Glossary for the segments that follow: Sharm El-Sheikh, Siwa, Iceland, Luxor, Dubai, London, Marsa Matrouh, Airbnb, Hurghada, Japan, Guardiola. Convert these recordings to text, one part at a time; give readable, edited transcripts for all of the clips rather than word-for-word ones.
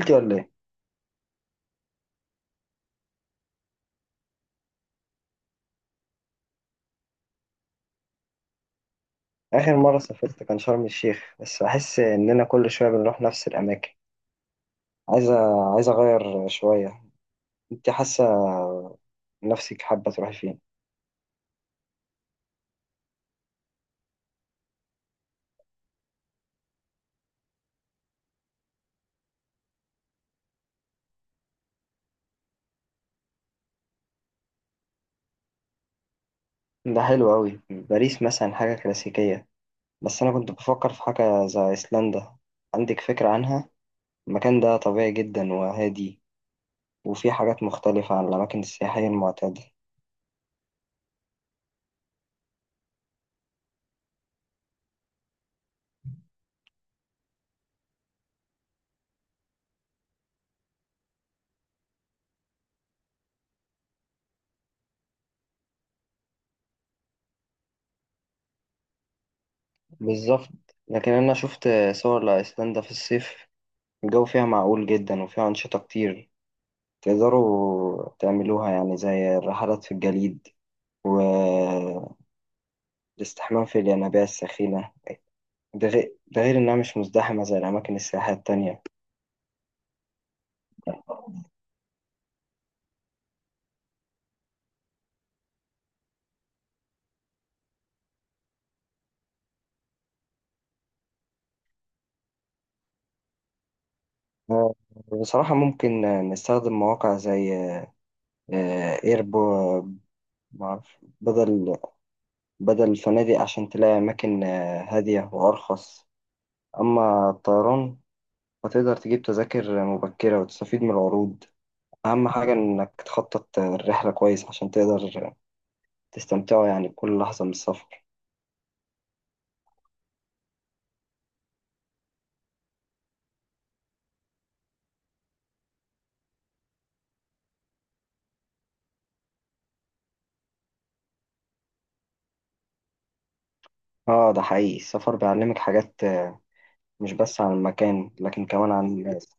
سافرت ولا ايه؟ آخر مرة سافرت كان شرم الشيخ، بس بحس إننا كل شوية بنروح نفس الأماكن. عايزة عايزة أغير شوية. أنت حاسة نفسك حابة تروحي فين؟ ده حلو أوي، باريس مثلا حاجة كلاسيكية، بس أنا كنت بفكر في حاجة زي أيسلندا. عندك فكرة عنها؟ المكان ده طبيعي جدا وهادي، وفيه حاجات مختلفة عن الأماكن السياحية المعتادة. بالظبط، لكن أنا شفت صور لأيسلندا في الصيف، الجو فيها معقول جدا وفيها أنشطة كتير تقدروا تعملوها، يعني زي الرحلات في الجليد والاستحمام في الينابيع السخينة. ده غير إنها مش مزدحمة زي الأماكن السياحية التانية. آه، بصراحة ممكن نستخدم مواقع زي ايربو معرف بدل الفنادق عشان تلاقي أماكن هادية وأرخص. أما الطيران فتقدر تجيب تذاكر مبكرة وتستفيد من العروض. أهم حاجة إنك تخطط الرحلة كويس عشان تقدر تستمتعوا يعني بكل لحظة من السفر. اه، ده حقيقي، السفر بيعلمك حاجات، مش بس عن المكان لكن كمان عن الناس.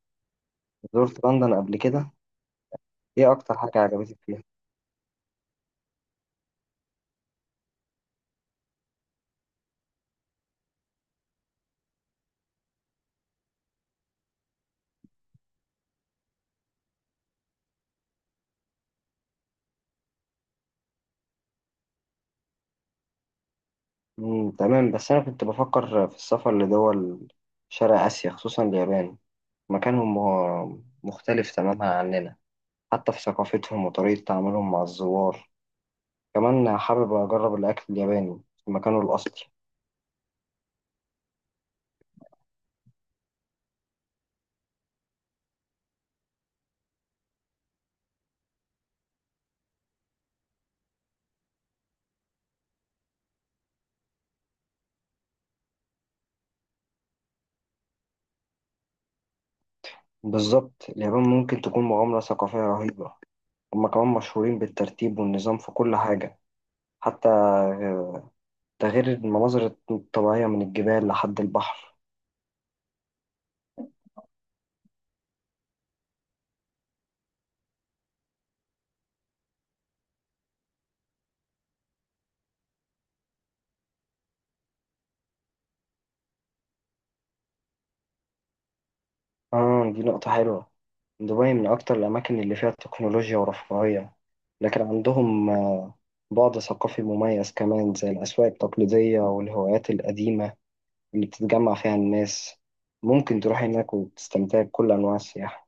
زرت لندن قبل كده؟ ايه اكتر حاجة عجبتك فيها؟ مم، تمام. بس انا كنت بفكر في السفر لدول شرق اسيا، خصوصا اليابان. مكانهم مختلف تماما عننا، حتى في ثقافتهم وطريقة تعاملهم مع الزوار. كمان حابب اجرب الاكل الياباني في مكانه الاصلي. بالظبط، اليابان ممكن تكون مغامرة ثقافية رهيبة. هما كمان مشهورين بالترتيب والنظام في كل حاجة، حتى، ده غير المناظر الطبيعية من الجبال لحد البحر. آه، دي نقطة حلوة. دبي من أكتر الأماكن اللي فيها تكنولوجيا ورفاهية، لكن عندهم بعد ثقافي مميز كمان، زي الأسواق التقليدية والهوايات القديمة اللي بتتجمع فيها الناس. ممكن تروح هناك وتستمتع بكل أنواع السياحة.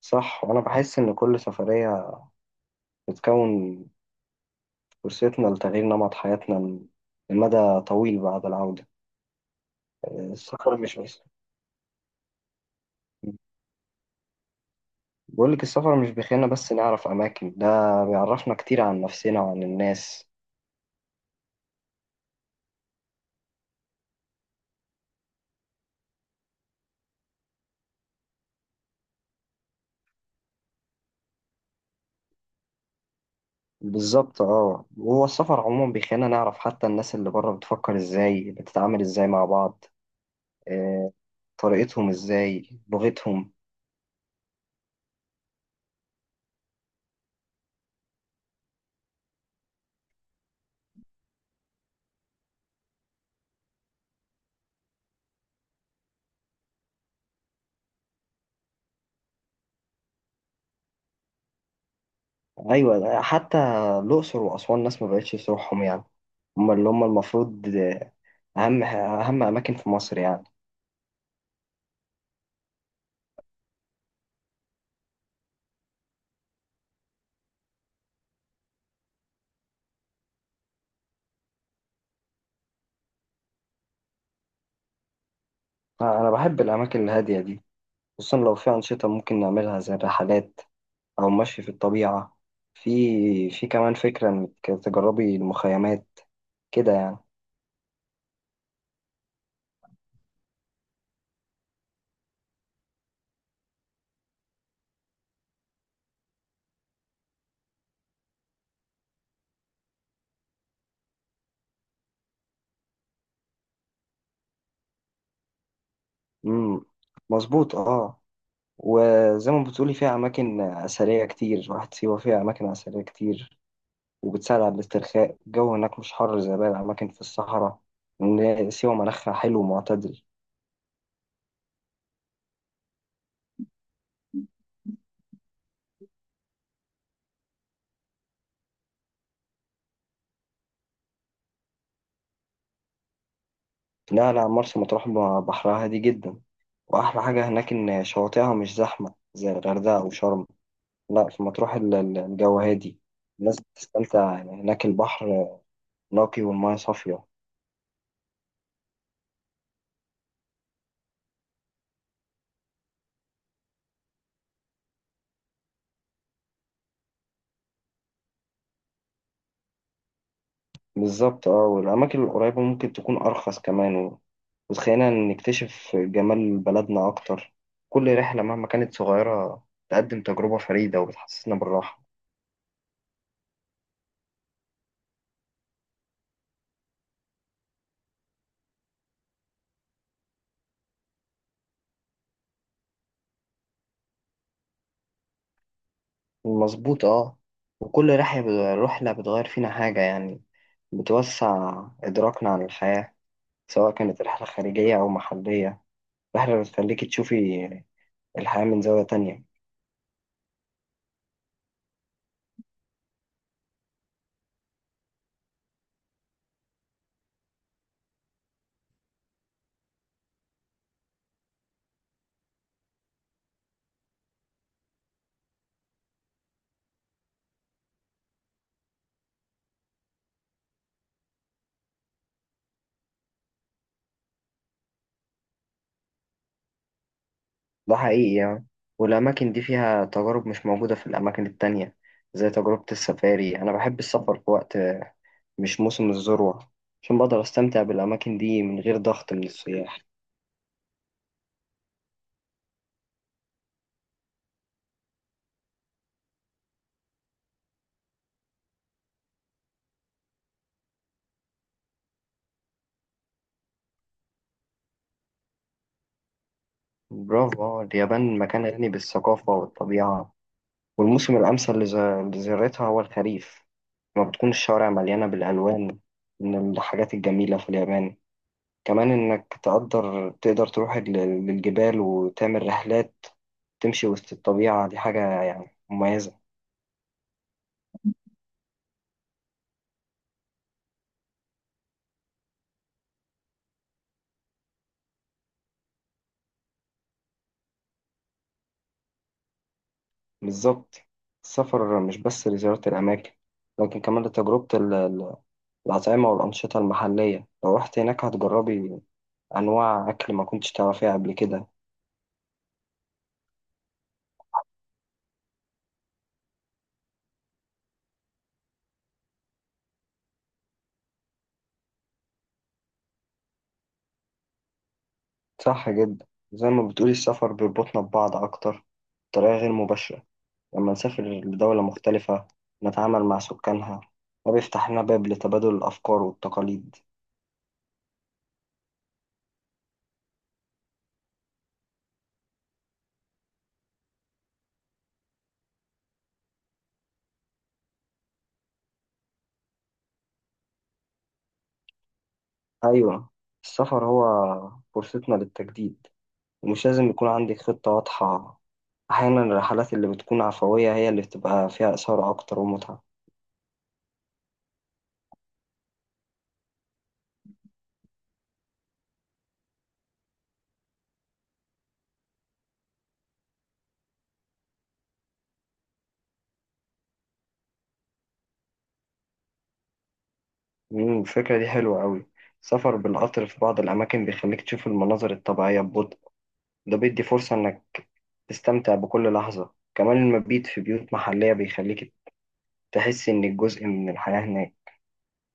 صح، وأنا بحس إن كل سفرية بتكون فرصتنا لتغيير نمط حياتنا لمدى طويل بعد العودة. السفر مش بس، بقول لك السفر مش بيخلينا بس نعرف أماكن، ده بيعرفنا كتير عن نفسنا وعن الناس. بالظبط، اه، وهو السفر عموما بيخلينا نعرف حتى الناس اللي بره بتفكر ازاي، بتتعامل ازاي مع بعض، آه، طريقتهم ازاي، لغتهم. ايوه، حتى الأقصر وأسوان ناس ما بقتش تروحهم يعني، هم اللي هم المفروض أهم أماكن في مصر يعني. أنا بحب الأماكن الهادية دي، خصوصا لو في أنشطة ممكن نعملها زي الرحلات أو مشي في الطبيعة. في كمان فكرة إنك تجربي المخيمات كده يعني. مم. مظبوط، اه. وزي ما بتقولي فيها أماكن أثرية كتير، واحد سيوة فيها أماكن أثرية كتير وبتساعد على الاسترخاء. الجو هناك مش حر زي باقي الأماكن في الصحراء، إن سيوة مناخها حلو ومعتدل. لا، مرسى مطروح بحرها هادي جدا، وأحلى حاجة هناك إن شواطئها مش زحمة زي الغردقة وشرم. لا، في مطروح الجو هادي، الناس بتستمتع يعني هناك. البحر نقي والمياه صافية. بالظبط، اه، والأماكن القريبة ممكن تكون أرخص كمان، وتخلينا نكتشف جمال بلدنا أكتر. كل رحلة مهما كانت صغيرة تقدم تجربة فريدة وبتحسسنا بالراحة. مظبوط، اه. وكل رحلة بتغير فينا حاجة يعني، بتوسع إدراكنا عن الحياة، سواء كانت رحلة خارجية أو محلية. رحلة بتخليكي تشوفي الحياة من زاوية تانية. ده حقيقي يعني، والأماكن دي فيها تجارب مش موجودة في الأماكن التانية، زي تجربة السفاري. أنا بحب السفر في وقت مش موسم الذروة، عشان بقدر أستمتع بالأماكن دي من غير ضغط من السياح. برافو، آه، اليابان مكان غني بالثقافة والطبيعة، والموسم الأمثل لزيارتها هو الخريف، لما بتكون الشوارع مليانة بالألوان. من الحاجات الجميلة في اليابان كمان إنك تقدر تروح للجبال وتعمل رحلات تمشي وسط الطبيعة، دي حاجة يعني مميزة. بالظبط، السفر مش بس لزيارة الأماكن، لكن كمان لتجربة الأطعمة والأنشطة المحلية. لو رحت هناك هتجربي أنواع أكل ما كنتش تعرفيها قبل كده. صح جدا، زي ما بتقولي السفر بيربطنا ببعض أكتر بطريقة غير مباشرة. لما نسافر لدولة مختلفة، نتعامل مع سكانها، ده بيفتح لنا باب لتبادل الأفكار والتقاليد. أيوة، السفر هو فرصتنا للتجديد، ومش لازم يكون عندك خطة واضحة. أحيانا الرحلات اللي بتكون عفوية هي اللي بتبقى فيها إثارة أكتر ومتعة. مم، الفكرة دي حلوة أوي. السفر بالقطر في بعض الأماكن بيخليك تشوف المناظر الطبيعية ببطء، ده بيدي فرصة إنك تستمتع بكل لحظة. كمان المبيت في بيوت محلية بيخليك تحس إنك جزء من الحياة هناك.